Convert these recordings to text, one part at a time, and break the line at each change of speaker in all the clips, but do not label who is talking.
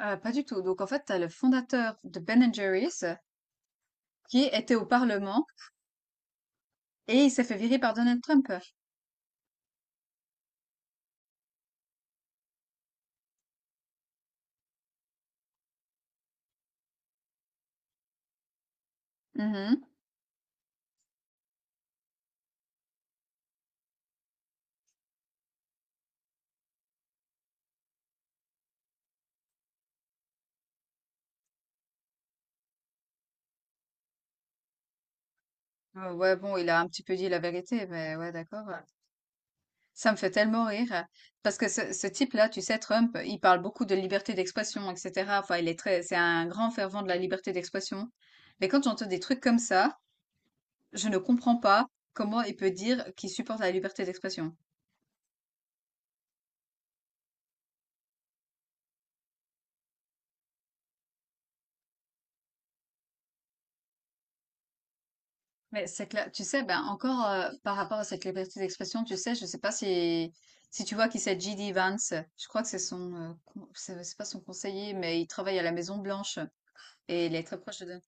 Pas du tout. Donc en fait, tu as le fondateur de Ben& and Jerry's qui était au parlement et il s'est fait virer par Donald Trump. Mmh mh. Ouais, bon, il a un petit peu dit la vérité, mais ouais, d'accord. Ça me fait tellement rire parce que ce type-là, tu sais, Trump, il parle beaucoup de liberté d'expression et cetera. Enfin, il est très c'est un grand fervent de la liberté d'expression. Mais quand j'entends des trucs comme ça, je ne comprends pas comment il peut dire qu'il supporte la liberté d'expression. Mais c'est clair. Tu sais, ben encore par rapport à cette liberté d'expression, tu sais, je sais pas si si tu vois qui c'est J.D. Vance. Je crois que c'est son c'est pas son conseiller, mais il travaille à la Maison Blanche et il est très proche de. Donald-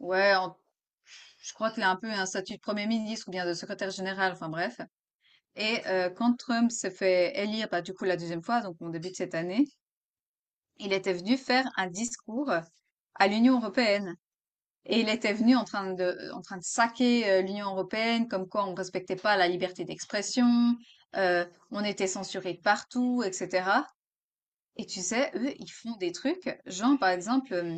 Ouais, en- je crois qu'il a un peu un statut de premier ministre ou bien de secrétaire général. Enfin bref. Et quand Trump s'est fait élire, bah, du coup la deuxième fois, donc au début de cette année, il était venu faire un discours à l'Union européenne. Et il était venu en train de saquer l'Union européenne, comme quoi on ne respectait pas la liberté d'expression, euh, on était censuré partout, etc. Et tu sais, eux, ils font des trucs, genre par exemple,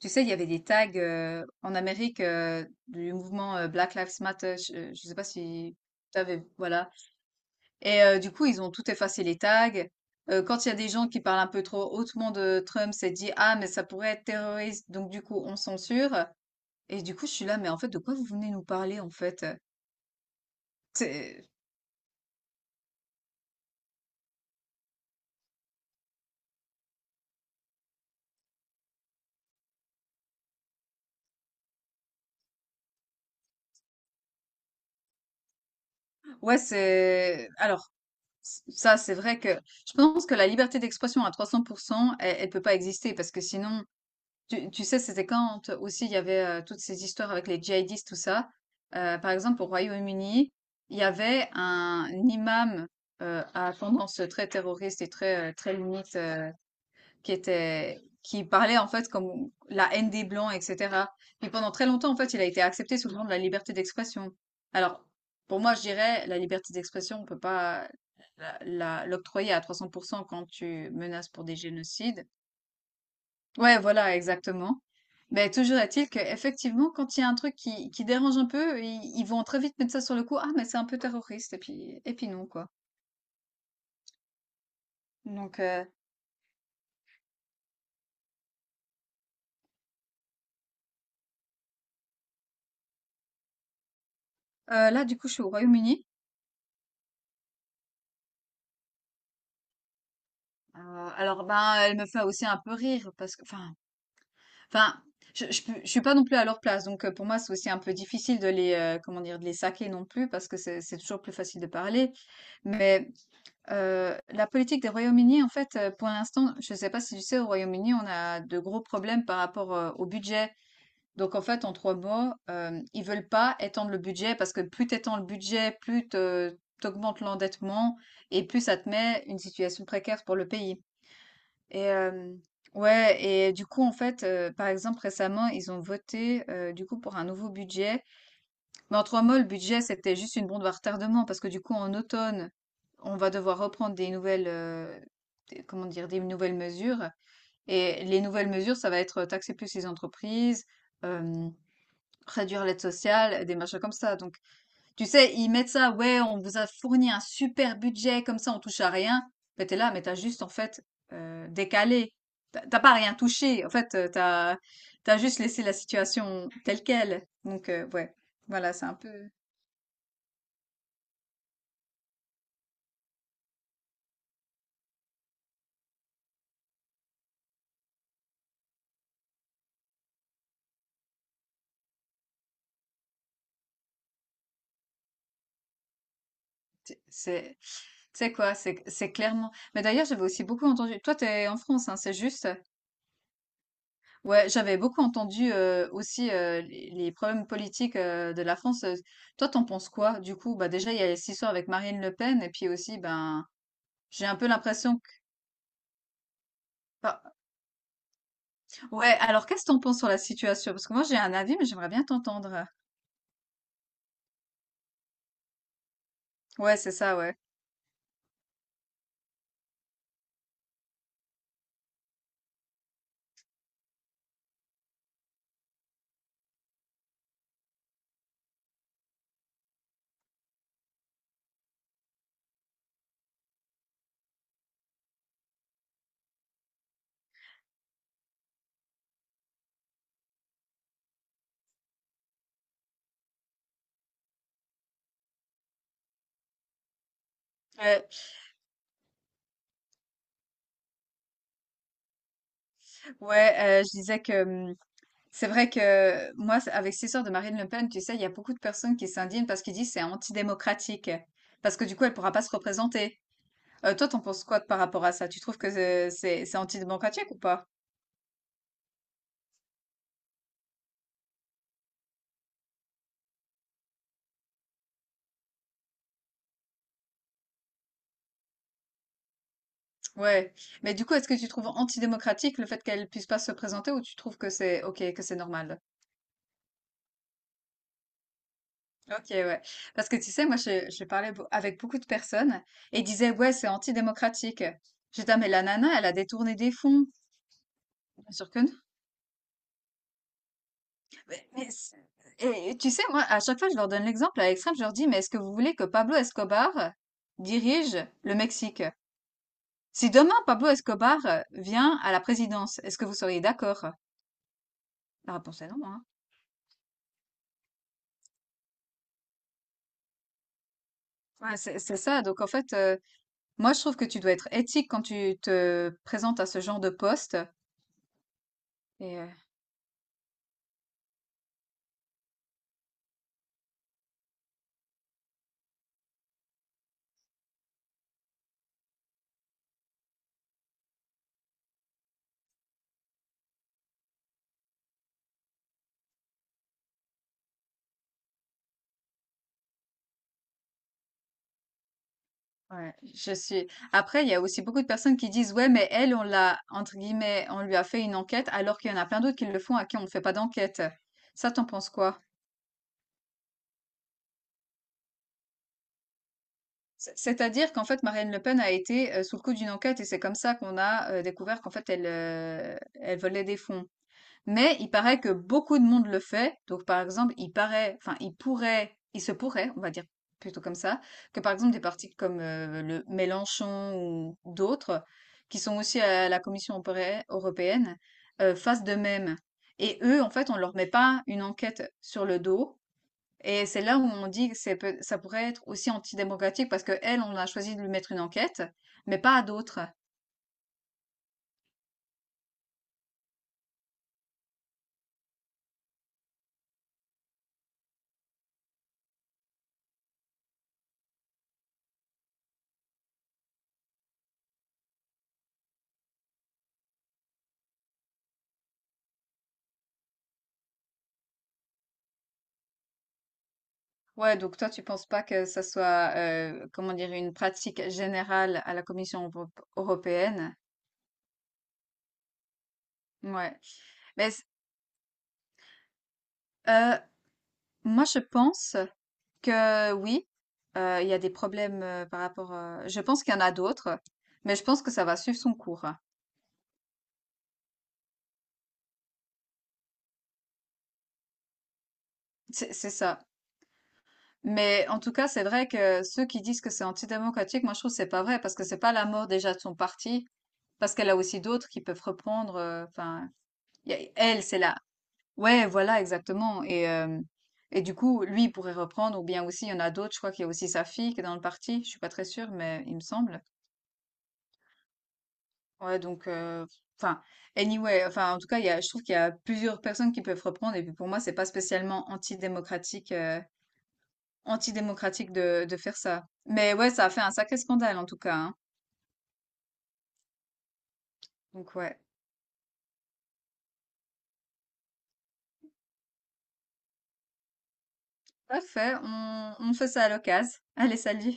tu sais, il y avait des tags en Amérique du mouvement Black Lives Matter, ne sais pas si tu avais, voilà. Et du coup, ils ont tout effacé les tags. Quand il y a des gens qui parlent un peu trop hautement de Trump, c'est dit, ah, mais ça pourrait être terroriste, donc du coup, on censure. Et du coup, je suis là, mais en fait, de quoi vous venez nous parler, en fait? C'est... Ouais, c'est... Alors, ça, c'est vrai que je pense que la liberté d'expression à 300%, elle, elle ne peut pas exister parce que sinon, tu sais, c'était quand aussi il y avait toutes ces histoires avec les djihadistes, tout ça. Par exemple, au Royaume-Uni, il y avait un imam à tendance très terroriste et très limite qui était, qui parlait en fait comme la haine des blancs, etc. Puis pendant très longtemps, en fait, il a été accepté sous le nom de la liberté d'expression. Alors, pour moi, je dirais, la liberté d'expression, on peut pas l'octroyer à 300% quand tu menaces pour des génocides. Ouais, voilà, exactement. Mais toujours est-il que effectivement, quand il y a un truc qui dérange un peu, ils vont très vite mettre ça sur le coup. Ah, mais c'est un peu terroriste. Et puis non, quoi. Donc là, du coup, je suis au Royaume-Uni. Alors ben elle me fait aussi un peu rire parce que enfin je suis pas non plus à leur place donc pour moi c'est aussi un peu difficile de les comment dire de les saquer non plus parce que c'est toujours plus facile de parler mais la politique des Royaumes-Unis en fait pour l'instant je sais pas si tu sais au Royaume-Uni on a de gros problèmes par rapport au budget donc en fait en trois mots ils veulent pas étendre le budget parce que plus t'étends le budget plus te- t'augmentes l'endettement et plus ça te met une situation précaire pour le pays et ouais et du coup, en fait, par exemple, récemment, ils ont voté, du coup, pour un nouveau budget. Mais en 3 mots, le budget, c'était juste une bombe à retardement parce que du coup, en automne, on va devoir reprendre des nouvelles, des comment dire? Des nouvelles mesures et les nouvelles mesures, ça va être taxer plus les entreprises, hem, réduire l'aide sociale, des machins comme ça. Donc tu sais, ils mettent ça, ouais, on vous a fourni un super budget, comme ça on touche à rien. Mais t'es là, mais t'as juste en fait décalé. T'as pas rien touché. En fait, t'as juste laissé la situation telle quelle. Donc ouais, voilà, c'est un peu, c'est, c'est- tu sais quoi, c'est clairement. Mais d'ailleurs, j'avais aussi beaucoup entendu. Toi, t'es en France, hein, c'est juste. Ouais, j'avais beaucoup entendu aussi les problèmes politiques de la France. Toi, t'en penses quoi? Du coup, bah déjà, il y a cette histoire avec Marine Le Pen, et puis aussi, ben, j'ai un peu l'impression que bah, ouais, alors qu'est-ce que t'en penses sur la situation? Parce que moi j'ai un avis, mais j'aimerais bien t'entendre. Ouais, c'est ça, ouais. Ouais, ouais, je disais que c'est vrai que moi, avec cette histoire de Marine Le Pen, tu sais, il y a beaucoup de personnes qui s'indignent parce qu'ils disent c'est antidémocratique. Parce que du coup, elle pourra pas se représenter. Toi, t'en penses quoi par rapport à ça? Tu trouves que c'est c'est antidémocratique ou pas? Ouais. Mais du coup, est-ce que tu trouves antidémocratique le fait qu'elle puisse pas se présenter ou tu trouves que c'est ok, que c'est normal? Ok, ouais. Parce que tu sais, je parlais avec beaucoup de personnes et ils disaient, ouais, c'est antidémocratique. J'étais, ah, mais la nana, elle a détourné des fonds. Bien sûr que non. Mais, mais c'est- et, tu sais, moi, à chaque fois, je leur donne l'exemple à l'extrême, je leur dis, mais est-ce que vous voulez que Pablo Escobar dirige le Mexique? Si demain, Pablo Escobar vient à la présidence, est-ce que vous seriez d'accord? La réponse est non, hein. Ouais, c'est ça. Donc, en fait, moi, je trouve que tu dois être éthique quand tu te présentes à ce genre de poste. Et, euh, Ouais, je suis. Après, il y a aussi beaucoup de personnes qui disent, ouais, mais elle, on l'a, entre guillemets, on lui a fait une enquête, alors qu'il y en a plein d'autres qui le font à qui on ne fait pas d'enquête. Ça, t'en penses quoi? C'est-à-dire qu'en fait, Marine Le Pen a été sous le coup d'une enquête et c'est comme ça qu'on a découvert qu'en fait, elle volait des fonds. Mais il paraît que beaucoup de monde le fait. Donc, par exemple, il paraît, enfin, il pourrait, il se pourrait, on va dire plutôt comme ça, que par exemple des partis comme le Mélenchon ou d'autres, qui sont aussi à la Commission européenne, fassent de même. Et eux, en fait, on leur met pas une enquête sur le dos. Et c'est là où on dit que ça pourrait être aussi antidémocratique parce que elle, on a choisi de lui mettre une enquête, mais pas à d'autres. Ouais, donc toi, tu penses pas que ça soit, comment dire, une pratique générale à la Commission européenne? Ouais. Mais c- euh, Moi, je pense que oui, il y a des problèmes par rapport. Je pense qu'il y en a d'autres, mais je pense que ça va suivre son cours. C'est ça. Mais en tout cas, c'est vrai que ceux qui disent que c'est antidémocratique, moi, je trouve que c'est pas vrai parce que c'est pas la mort déjà de son parti, parce qu'elle a aussi d'autres qui peuvent reprendre. Enfin, il y a- elle, c'est la Ouais, voilà, exactement. Et du coup, lui il pourrait reprendre, ou bien aussi, il y en a d'autres, je crois qu'il y a aussi sa fille qui est dans le parti, je suis pas très sûre, mais il me semble. Ouais, donc, enfin, anyway, enfin, en tout cas, il y a, je trouve qu'il y a plusieurs personnes qui peuvent reprendre, et puis pour moi, c'est pas spécialement antidémocratique, de faire ça. Mais ouais, ça a fait un sacré scandale, en tout cas, hein. Donc, ouais. Parfait, on fait ça à l'occasion. Allez, salut!